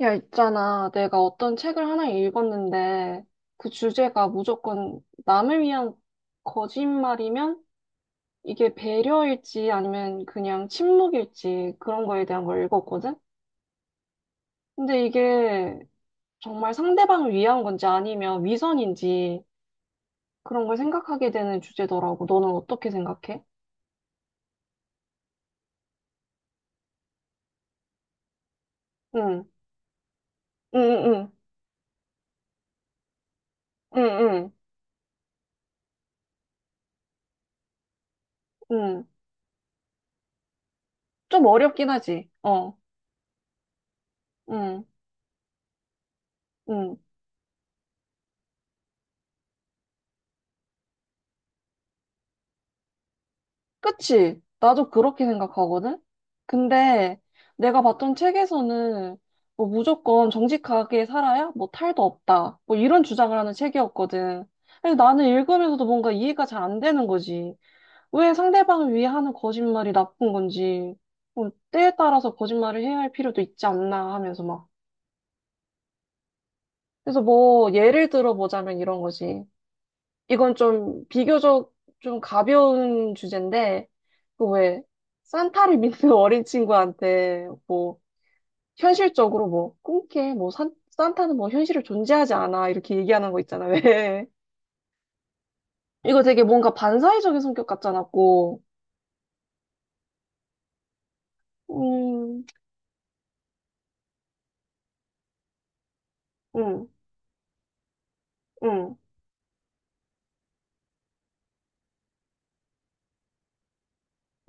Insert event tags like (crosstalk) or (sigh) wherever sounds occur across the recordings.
야, 있잖아. 내가 어떤 책을 하나 읽었는데, 그 주제가 무조건 남을 위한 거짓말이면 이게 배려일지 아니면 그냥 침묵일지 그런 거에 대한 걸 읽었거든? 근데 이게 정말 상대방을 위한 건지 아니면 위선인지 그런 걸 생각하게 되는 주제더라고. 너는 어떻게 생각해? 응, 응, 응, 응, 응, 응. 응. 좀 어렵긴 하지. 어, 응, 응. 그치? 나도 그렇게 생각하거든? 근데 내가 봤던 책에서는 뭐 무조건 정직하게 살아야 뭐 탈도 없다. 뭐 이런 주장을 하는 책이었거든. 근데 나는 읽으면서도 뭔가 이해가 잘 안 되는 거지. 왜 상대방을 위해 하는 거짓말이 나쁜 건지. 뭐 때에 따라서 거짓말을 해야 할 필요도 있지 않나 하면서 막. 그래서 뭐 예를 들어보자면 이런 거지. 이건 좀 비교적 좀 가벼운 주제인데, 그왜 산타를 믿는 (laughs) 어린 친구한테 뭐 현실적으로 뭐 꿈깨 뭐 산타는 뭐 현실을 존재하지 않아 이렇게 얘기하는 거 있잖아 왜 (laughs) 이거 되게 뭔가 반사회적인 성격 같잖아 고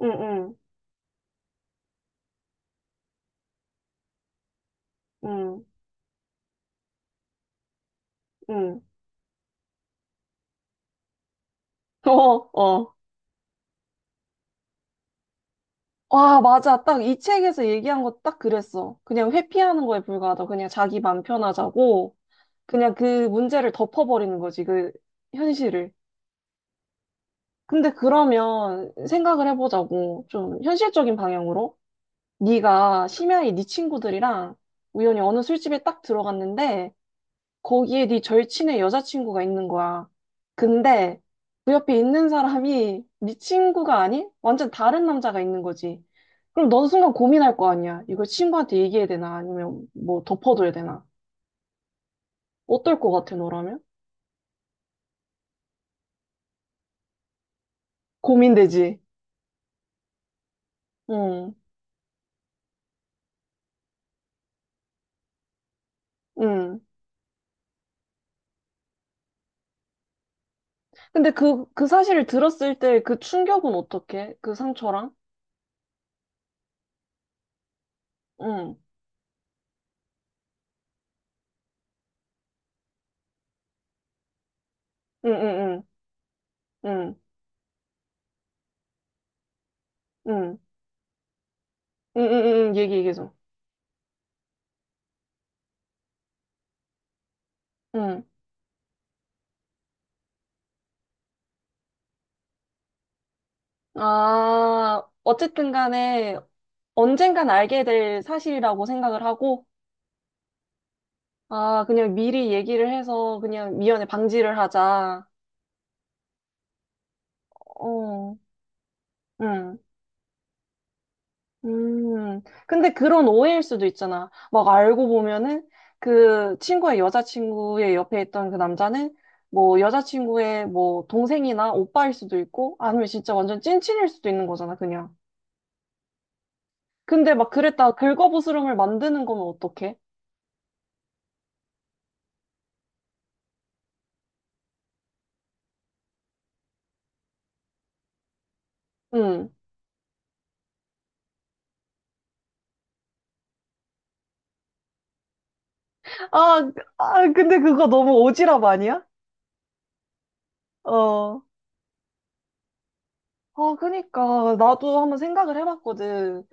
음음음음음음음어어와 (laughs) 맞아 딱 이 책에서 얘기한 거 딱 그랬어 그냥 회피하는 거에 불과하다 그냥 자기 맘 편하자고 그냥 그 문제를 덮어버리는 거지, 그 현실을. 근데 그러면 생각을 해보자고. 좀 현실적인 방향으로. 네가 심야에 네 친구들이랑 우연히 어느 술집에 딱 들어갔는데 거기에 네 절친의 여자친구가 있는 거야. 근데 그 옆에 있는 사람이 네 친구가 아닌 완전 다른 남자가 있는 거지. 그럼 넌 순간 고민할 거 아니야. 이걸 친구한테 얘기해야 되나 아니면 뭐 덮어둬야 되나. 어떨 것 같아, 너라면? 고민되지. 응, 응. 근데 그 사실을 들었을 때 그 충격은 어떻게? 그 상처랑? 응, 응, 응, 응, 응, 응, 응, 응, 응, 응. 얘기해줘. 응. 아, 어쨌든 간에 언젠간 알게 될 사실이라고 생각을 하고, 아, 그냥 미리 얘기를 해서 그냥 미연에 방지를 하자. 어, 응. 근데 그런 오해일 수도 있잖아. 막 알고 보면은 그 친구의 여자친구의 옆에 있던 그 남자는 뭐 여자친구의 뭐 동생이나 오빠일 수도 있고 아니면 진짜 완전 찐친일 수도 있는 거잖아, 그냥. 근데 막 그랬다가 긁어부스럼을 만드는 거면 어떡해? 응. 아, 아, 근데 그거 너무 오지랖 아니야? 어. 아, 그니까. 나도 한번 생각을 해봤거든.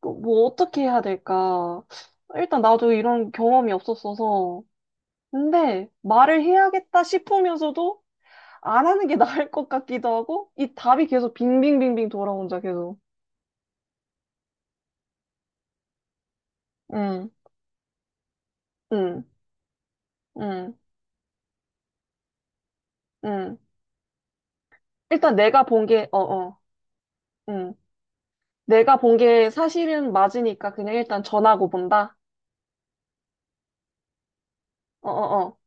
그뭐 어떻게 해야 될까. 일단 나도 이런 경험이 없었어서. 근데 말을 해야겠다 싶으면서도 안 하는 게 (laughs) 나을 것 같기도 하고 이 답이 계속 빙빙빙빙 돌아온다 계속. 응, 응, 응, 응. 일단 내가 본 게, 어, 어, 응. 내가 본 게 사실은 맞으니까 그냥 일단 전하고 본다. 어, 어,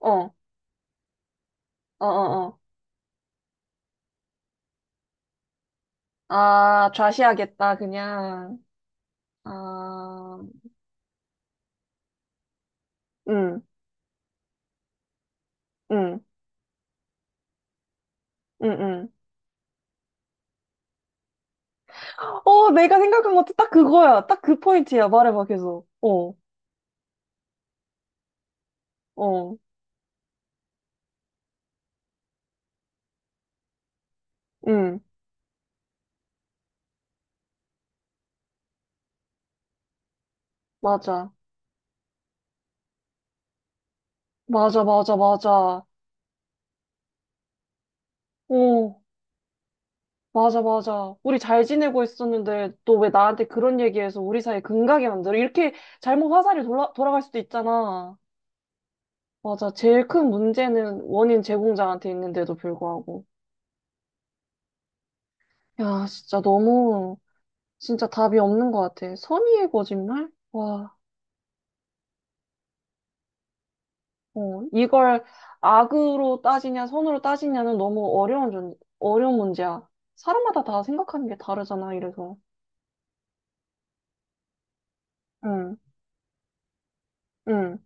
어, 어, 어, 어, 어. 아, 좌시하겠다 그냥. 아, 응, 응, 응, 응. 어, 내가 생각한 것도 딱 그거야. 딱 그 포인트야. 말해봐 계속. 어, 어, 응. 맞아. 맞아, 맞아, 맞아. 어, 맞아, 맞아. 우리 잘 지내고 있었는데 또 왜 나한테 그런 얘기해서 우리 사이 금가게 만들어? 이렇게 잘못 화살이 돌아갈 수도 있잖아. 맞아. 제일 큰 문제는 원인 제공자한테 있는데도 불구하고. 야, 진짜 너무, 진짜 답이 없는 것 같아. 선의의 거짓말? 와, 어, 이걸 악으로 따지냐, 선으로 따지냐는 너무 어려운, 어려운 문제야. 사람마다 다 생각하는 게 다르잖아, 이래서. 응, 응.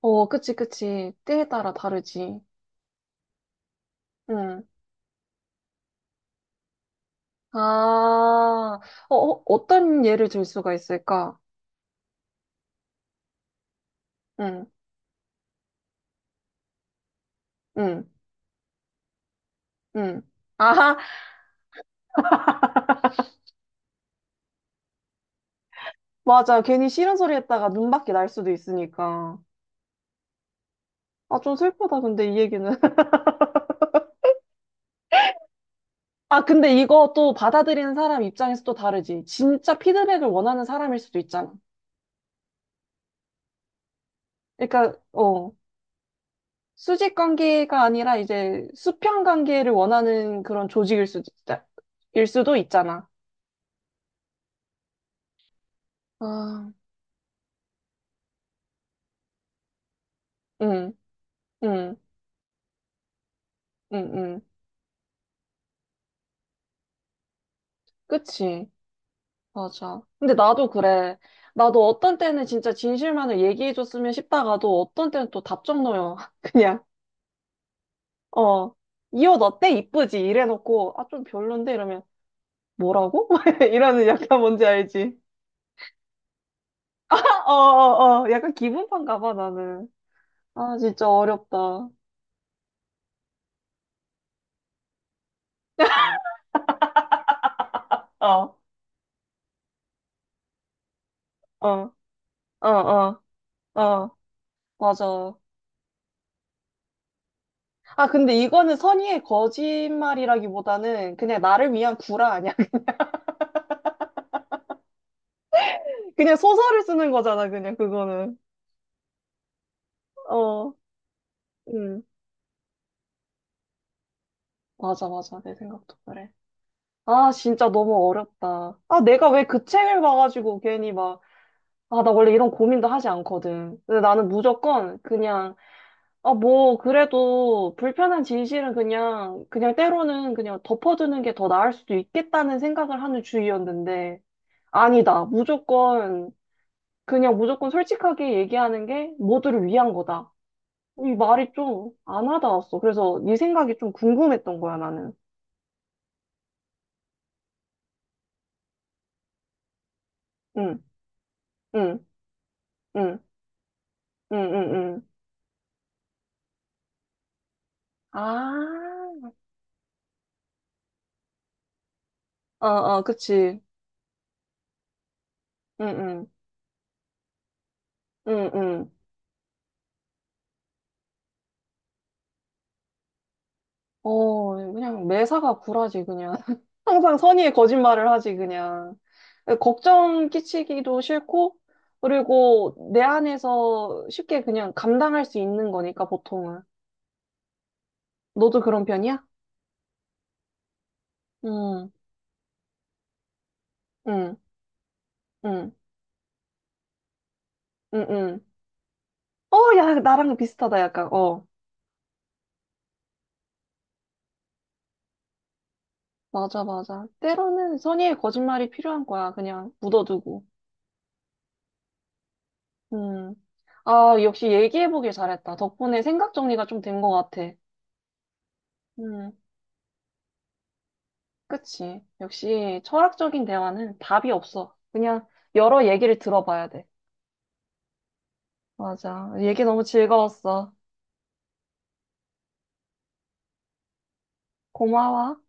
어, 그치, 그치. 때에 따라 다르지. 응. 아, 어, 어, 어떤 예를 들 수가 있을까? 응, 응, 응. (laughs) 아하, 맞아. 괜히 싫은 소리 했다가 눈밖에 날 수도 있으니까. 아, 좀 슬프다, 근데 이 얘기는. (laughs) 아, 근데 이거 또 받아들이는 사람 입장에서 또 다르지. 진짜 피드백을 원하는 사람일 수도 있잖아. 그러니까, 어, 수직 관계가 아니라 이제 수평 관계를 원하는 그런 조직일 수도 있다, 일 수도 있잖아. 아, 응. 응, 응, 응. 그치. 맞아. 근데 나도 그래. 나도 어떤 때는 진짜 진실만을 얘기해줬으면 싶다가도 어떤 때는 또 답정 넣어요. (laughs) 그냥, 어, 이 옷 어때? 이쁘지? 이래놓고, 아, 좀 별론데? 이러면, 뭐라고? (laughs) 이러는 약간 뭔지 알지? (laughs) 어, 어, 어. 약간 기분판가 봐, 나는. 아, 진짜 어렵다. 어, 어, 어, 어, 어. 맞아. 아, 근데 이거는 선의의 거짓말이라기보다는 그냥 나를 위한 구라 아니야? 그냥 소설을 쓰는 거잖아, 그냥 그거는. 어, 음. 맞아, 맞아. 내 생각도 그래. 아, 진짜 너무 어렵다. 아, 내가 왜 그 책을 봐가지고 괜히 막, 아, 나 원래 이런 고민도 하지 않거든. 근데 나는 무조건 그냥, 아, 뭐, 그래도 불편한 진실은 그냥, 그냥 때로는 그냥 덮어두는 게 더 나을 수도 있겠다는 생각을 하는 주의였는데, 아니다. 무조건, 그냥 무조건 솔직하게 얘기하는 게 모두를 위한 거다. 이 말이 좀 안 와닿았어. 그래서 네 생각이 좀 궁금했던 거야, 나는. 응, 응, 응, 응, 응, 응. 아, 어, 어, 그치. 응, 응, 응, 응. 어, 그냥 매사가 굴하지, 그냥. (laughs) 항상 선의의 거짓말을 하지, 그냥. 걱정 끼치기도 싫고, 그리고 내 안에서 쉽게 그냥 감당할 수 있는 거니까, 보통은. 너도 그런 편이야? 응, 응, 응, 응, 응. 어, 야, 나랑 비슷하다, 약간, 어. 맞아, 맞아. 때로는 선의의 거짓말이 필요한 거야. 그냥 묻어두고. 음. 아, 역시 얘기해보길 잘했다. 덕분에 생각 정리가 좀 된 것 같아. 음, 그치. 역시 철학적인 대화는 답이 없어. 그냥 여러 얘기를 들어봐야 돼. 맞아. 얘기 너무 즐거웠어. 고마워.